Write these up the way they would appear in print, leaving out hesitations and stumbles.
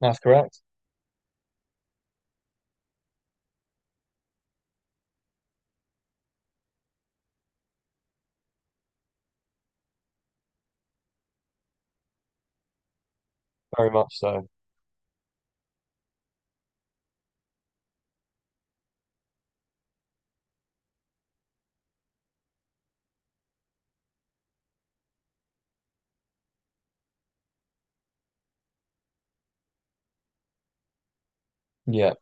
That's correct. Very much so. Yeah.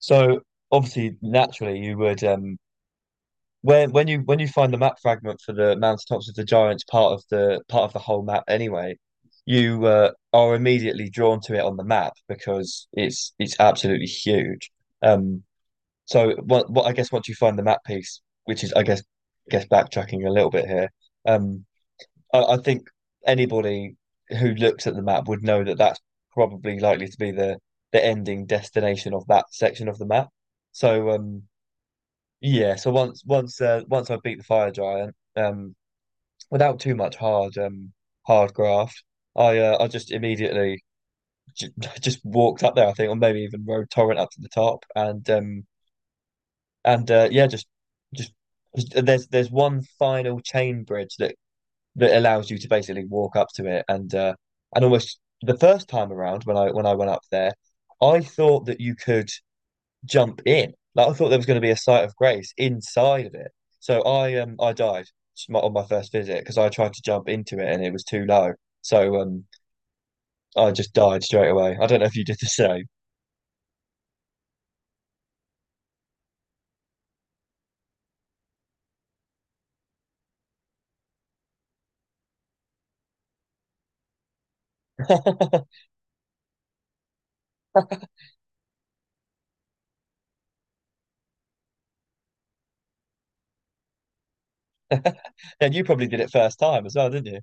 So obviously, naturally, you would when you find the map fragment for the Mountaintops of the Giants part of the whole map anyway, you are immediately drawn to it on the map because it's absolutely huge. Um. So what I guess once you find the map piece, which is I guess backtracking a little bit here, um, I think anybody who looks at the map would know that that's probably likely to be the ending destination of that section of the map. So um yeah, so once I beat the fire giant, without too much hard graft, I just immediately j just walked up there, I think, or maybe even rode Torrent up to the top and yeah, just there's one final chain bridge that that allows you to basically walk up to it and and almost the first time around when I went up there, I thought that you could jump in. Like I thought there was going to be a site of grace inside of it. So I died on my first visit because I tried to jump into it and it was too low. So um I just died straight away. I don't know if you did the same. And you probably did it first time as well, didn't you?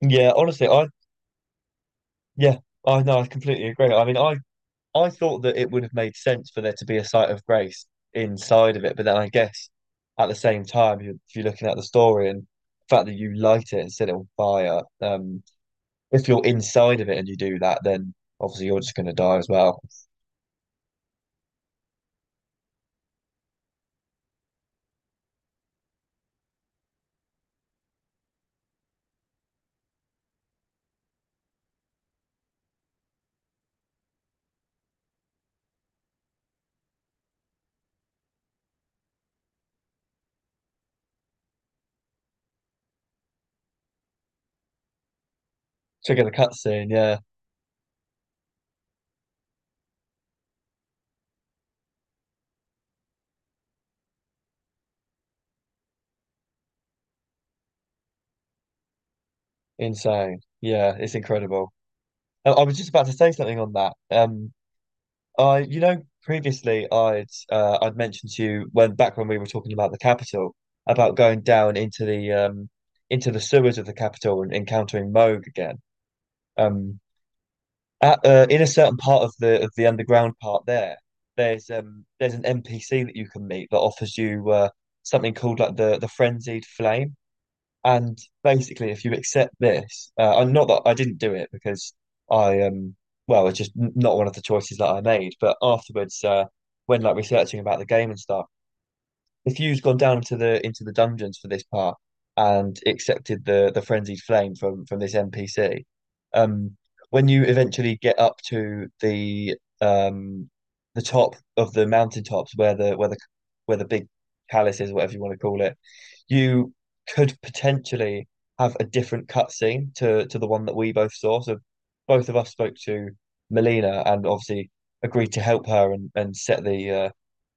Hmm. Yeah, honestly, I yeah, I no, I completely agree. I mean, I thought that it would have made sense for there to be a site of grace inside of it, but then I guess at the same time, you- if you're looking at the story and the fact that you light it and set it on fire, if you're inside of it and you do that, then obviously you're just going to die as well. Trigger the cutscene, yeah, insane, yeah, it's incredible. I was just about to say something on that. I, you know, previously I'd mentioned to you when back when we were talking about the capital about going down into the into the sewers of the capital and encountering Moog again. Um, at, in a certain part of the underground part there, there's an NPC that you can meet that offers you something called like the frenzied flame. And basically, if you accept this, and not that I didn't do it because I well, it's just n- not one of the choices that I made. But afterwards, when like researching about the game and stuff, if you'd gone down to the into the dungeons for this part and accepted the frenzied flame from this NPC, um, when you eventually get up to the um the top of the mountaintops where the where the big palace is, whatever you want to call it, you could potentially have a different cutscene to the one that we both saw. So both of us spoke to Melina and obviously agreed to help her, and set the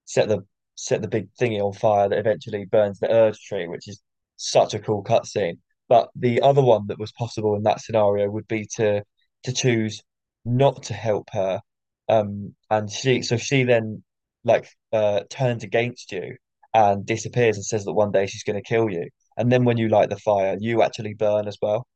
set the big thingy on fire that eventually burns the urge tree, which is such a cool cutscene. But the other one that was possible in that scenario would be to choose not to help her, and she so she then like turns against you and disappears and says that one day she's going to kill you. And then when you light the fire, you actually burn as well.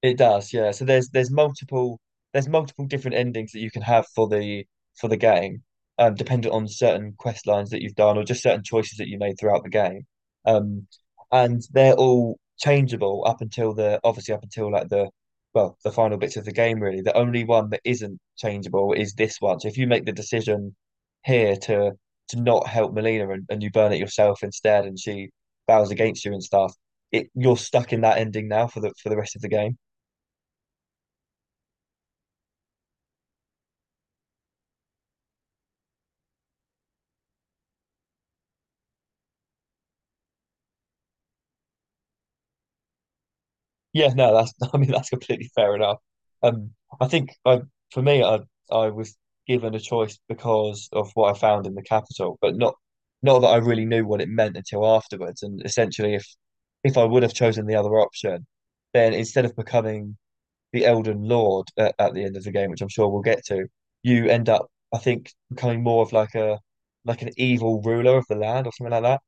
It does, yeah. So there's multiple different endings that you can have for the game, dependent on certain quest lines that you've done or just certain choices that you made throughout the game. Um, and they're all changeable up until the obviously up until the final bits of the game really. The only one that isn't changeable is this one. So if you make the decision here to not help Melina, and you burn it yourself instead, and she bows against you and stuff, it you're stuck in that ending now for the rest of the game. Yeah, no, that's I mean that's completely fair enough. Um, I think I for me I was given a choice because of what I found in the capital, but not not that I really knew what it meant until afterwards. And essentially, if I would have chosen the other option, then instead of becoming the Elden Lord at the end of the game, which I'm sure we'll get to, you end up I think becoming more of like a like an evil ruler of the land or something like that.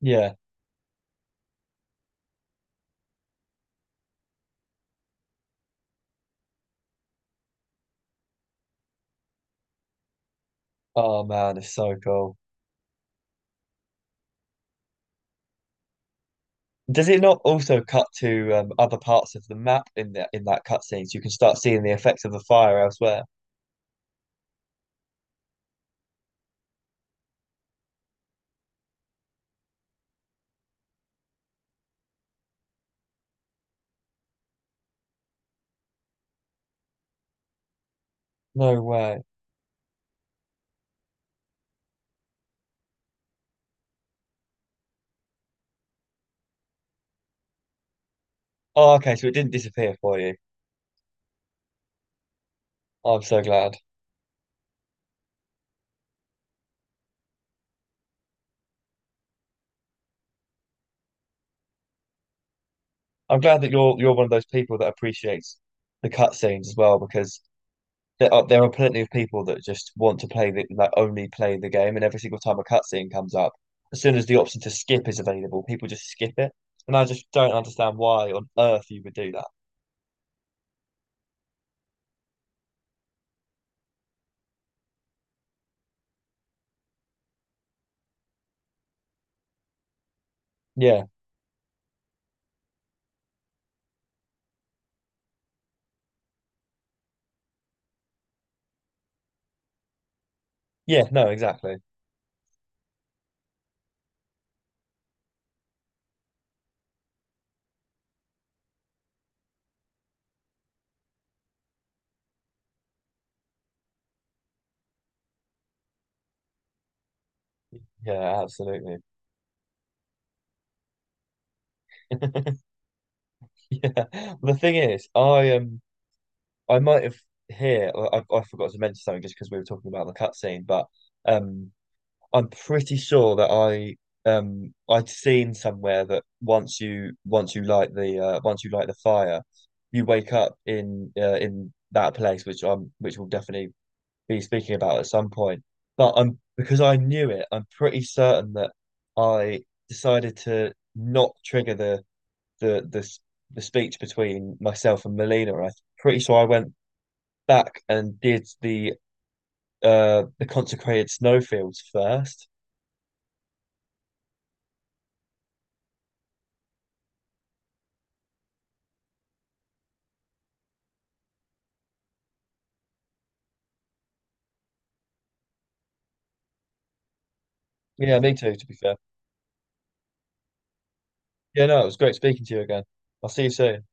Yeah. Oh man, it's so cool. Does it not also cut to other parts of the map in the in that cutscene, so you can start seeing the effects of the fire elsewhere? No way. Oh, okay. So it didn't disappear for you. Oh, I'm so glad. I'm glad that you're one of those people that appreciates the cutscenes as well, because there are plenty of people that just want to play the like only play the game, and every single time a cutscene comes up, as soon as the option to skip is available, people just skip it, and I just don't understand why on earth you would do that. Yeah. Yeah. No. Exactly. Yeah. Absolutely. Yeah, the thing is, I might have here. I forgot to mention something just because we were talking about the cutscene, but um, I'm pretty sure that I'd seen somewhere that once you light the once you light the fire, you wake up in that place, which I'm which we'll definitely be speaking about at some point. But I'm because I knew it, I'm pretty certain that I decided to not trigger the the the speech between myself and Melina, and I'm pretty sure I went back and did the consecrated snowfields first. Yeah, me too, to be fair. Yeah, no, it was great speaking to you again. I'll see you soon.